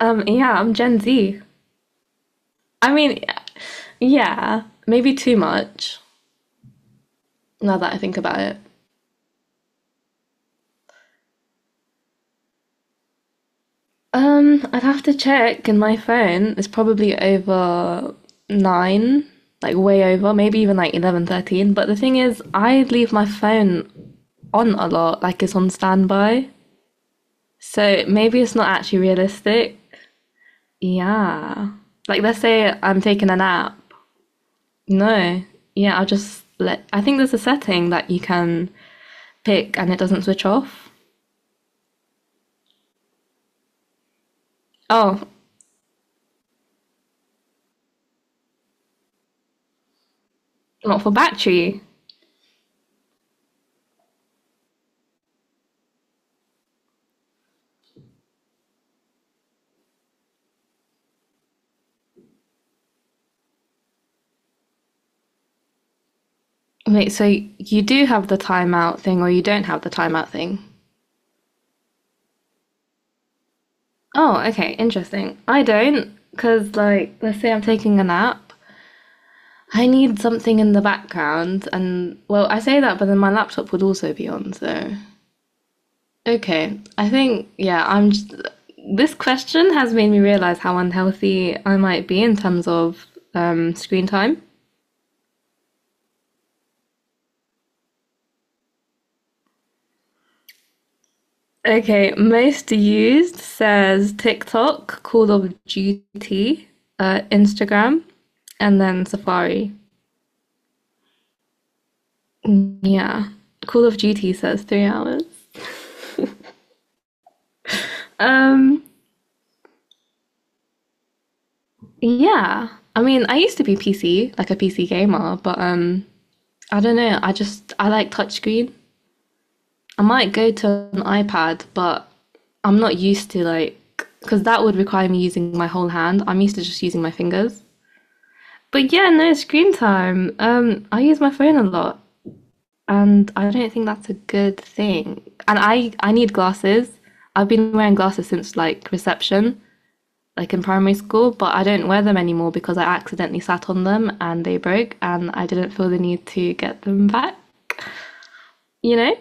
Yeah, I'm Gen Z. I mean, yeah, maybe too much now that I think about it. I'd have to check in my phone. It's probably over nine, like way over, maybe even like 11, 13. But the thing is, I leave my phone on a lot, like it's on standby. So maybe it's not actually realistic. Yeah. Like, let's say I'm taking a nap. No. Yeah, I'll just let. I think there's a setting that you can pick and it doesn't switch off. Oh, not for battery. Wait, so you do have the timeout thing or you don't have the timeout thing? Oh, okay, interesting. I don't, because, like, let's say I'm taking a nap, I need something in the background, and, well, I say that, but then my laptop would also be on, so. Okay, I think, yeah, I'm just. This question has made me realize how unhealthy I might be in terms of screen time. Okay, most used says TikTok, Call of Duty, Instagram, and then Safari. Yeah, Call of Duty says 3 hours. Um, yeah. I mean, I used to be PC, like a PC gamer, but I don't know. I like touchscreen. I might go to an iPad, but I'm not used to like because that would require me using my whole hand. I'm used to just using my fingers. But yeah, no screen time. I use my phone a lot, and I don't think that's a good thing. And I need glasses. I've been wearing glasses since like reception, like in primary school, but I don't wear them anymore because I accidentally sat on them and they broke, and I didn't feel the need to get them back, you know?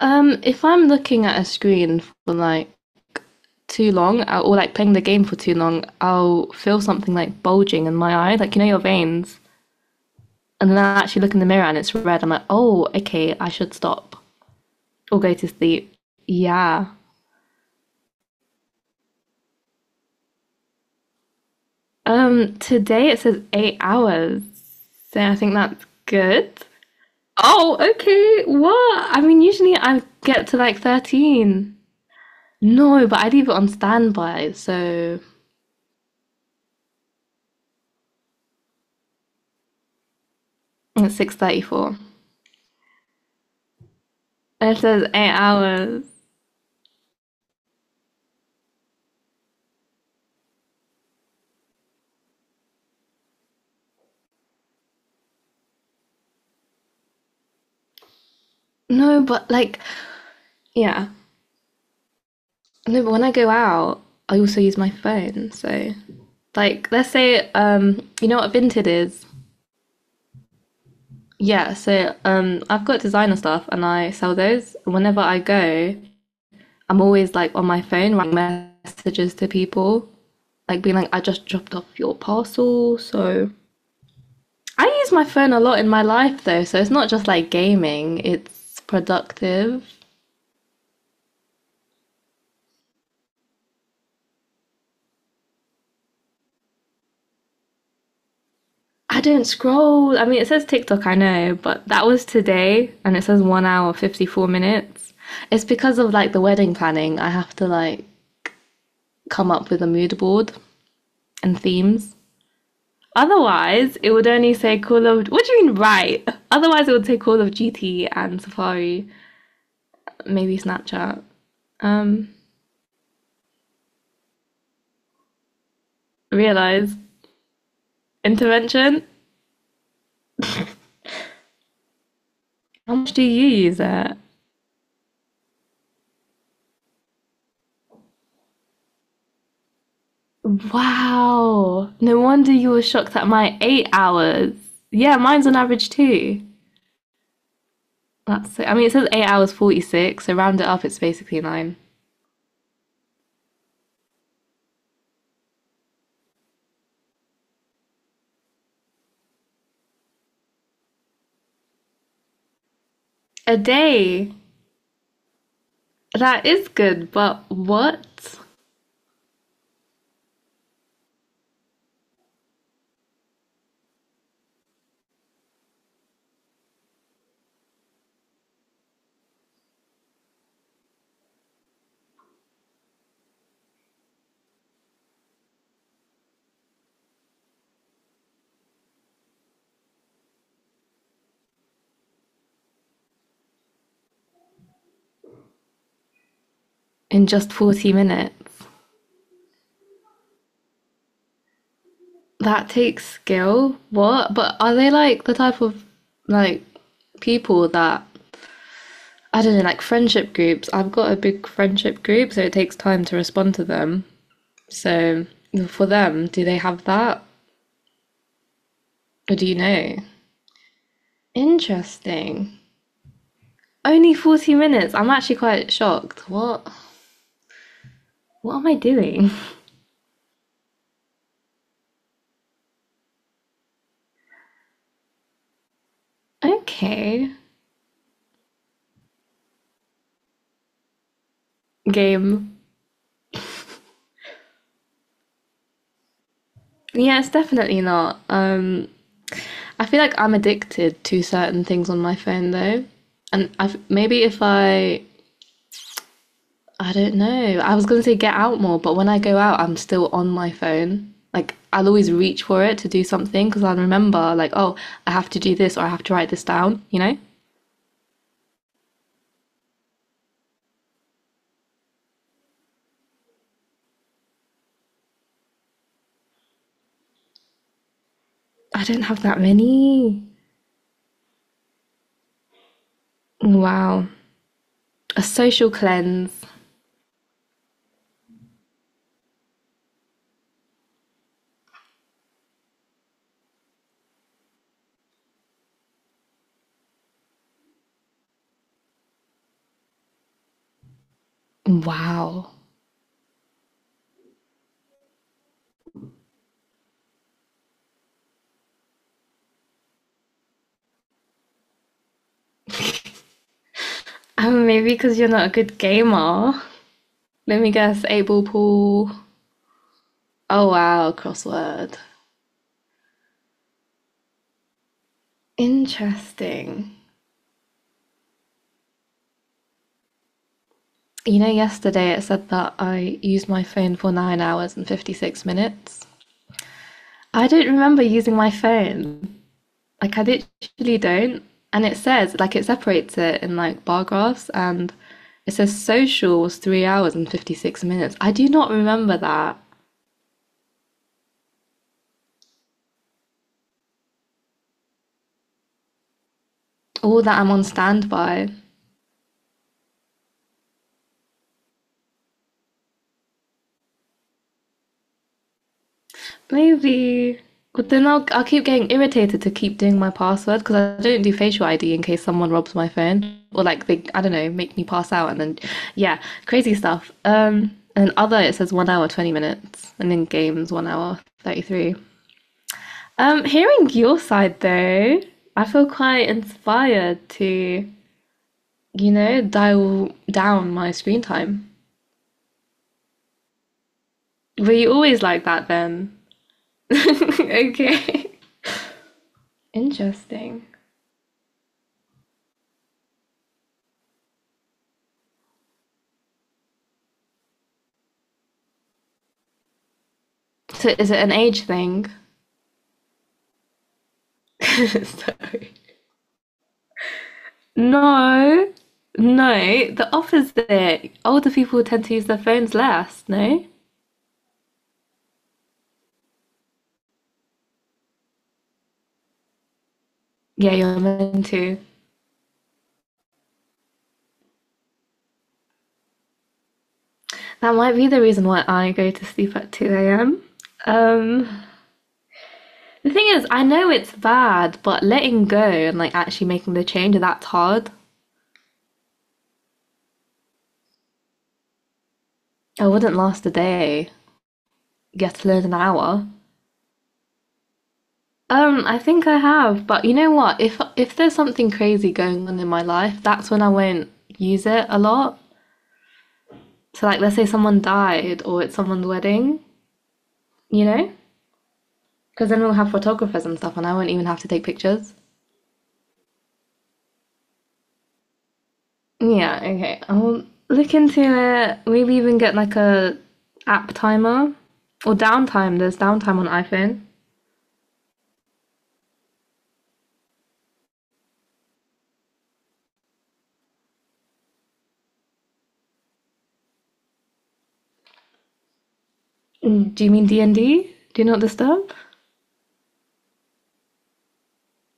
If I'm looking at a screen for like too long or like playing the game for too long, I'll feel something like bulging in my eye, like you know your veins. And then I actually look in the mirror and it's red. I'm like, oh, okay, I should stop or go to sleep. Yeah. Today it says 8 hours, so I think that's good. Oh, okay. What? I mean, usually I get to like 13. No, but I leave it on standby, so it's 6:34. And it says 8 hours. No, but like, yeah. No, but when I go out, I also use my phone. So, like, let's say, you know what Vinted is? Yeah, so I've got designer stuff and I sell those. Whenever I go, I'm always like on my phone writing messages to people, like being like, I just dropped off your parcel. So I use my phone a lot in my life though, so it's not just like gaming, it's productive. I don't scroll. I mean, it says TikTok, I know, but that was today and it says 1 hour, 54 minutes. It's because of like the wedding planning. I have to like come up with a mood board and themes. Otherwise, it would only say Call of. What do you mean, right? Otherwise, it would say Call of Duty and Safari, maybe Snapchat. Um, realize intervention. How much do you use it? Wow. No wonder you were shocked at my 8 hours. Yeah, mine's on average too. That's it. I mean, it says 8 hours 46. So round it up, it's basically nine a day. That is good, but what? In just 40 minutes. That takes skill. What? But are they like the type of like people that I don't know, like friendship groups? I've got a big friendship group, so it takes time to respond to them. So for them, do they have that? Or do you know? Interesting. Only 40 minutes. I'm actually quite shocked. What? What am I doing? Okay. Game. Yeah, it's definitely not. I feel like I'm addicted to certain things on my phone though. And I've, maybe if I, I don't know, I was going to say get out more, but when I go out, I'm still on my phone. Like I'll always reach for it to do something because I'll remember, like, oh, I have to do this or I have to write this down, you know? I don't have that many. Wow. A social cleanse. Wow. Maybe because you're not a good gamer. Let me guess, able pool. Oh wow, crossword. Interesting. You know, yesterday it said that I used my phone for 9 hours and 56 minutes. I don't remember using my phone. Like, I literally don't. And it says, like, it separates it in like bar graphs and it says social was 3 hours and 56 minutes. I do not remember that. All that I'm on standby. Maybe. But then I'll keep getting irritated to keep doing my password because I don't do facial ID in case someone robs my phone or like they I don't know make me pass out and then yeah crazy stuff. And other it says 1 hour 20 minutes and then games 1 hour 33. Hearing your side though, I feel quite inspired to dial down my screen time. Were you always like that then? Okay, interesting. So is it an age thing? Sorry. No, no. The opposite. Older people tend to use their phones less. No. Yeah, you're meant to. That might be the reason why I go to sleep at 2 a.m. Um, the thing is, I know it's bad, but letting go and like actually making the change that's hard. I wouldn't last a day. Get to learn an hour. I think I have, but you know what? If there's something crazy going on in my life, that's when I won't use it a lot. So like let's say someone died or it's someone's wedding, you know? Because then we'll have photographers and stuff and I won't even have to take pictures. Yeah, okay. I'll look into it. Maybe even get like a app timer or downtime. There's downtime on iPhone. Do you mean D&D? Do not disturb?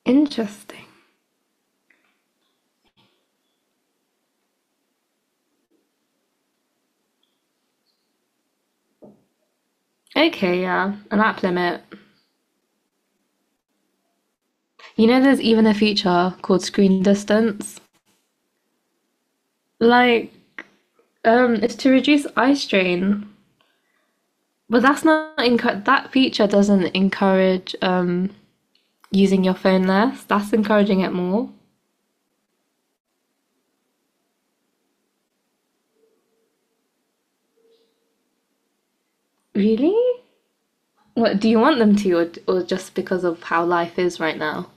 Interesting. Okay, yeah, an app limit. You know, there's even a feature called screen distance. Like, it's to reduce eye strain, but that's not encu- that feature doesn't encourage using your phone less. That's encouraging it more. Really? What do you want them to, or just because of how life is right now?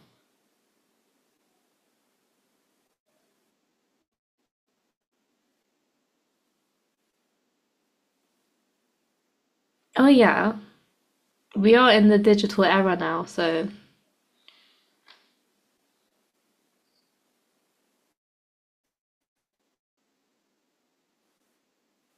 Oh yeah, we are in the digital era now, so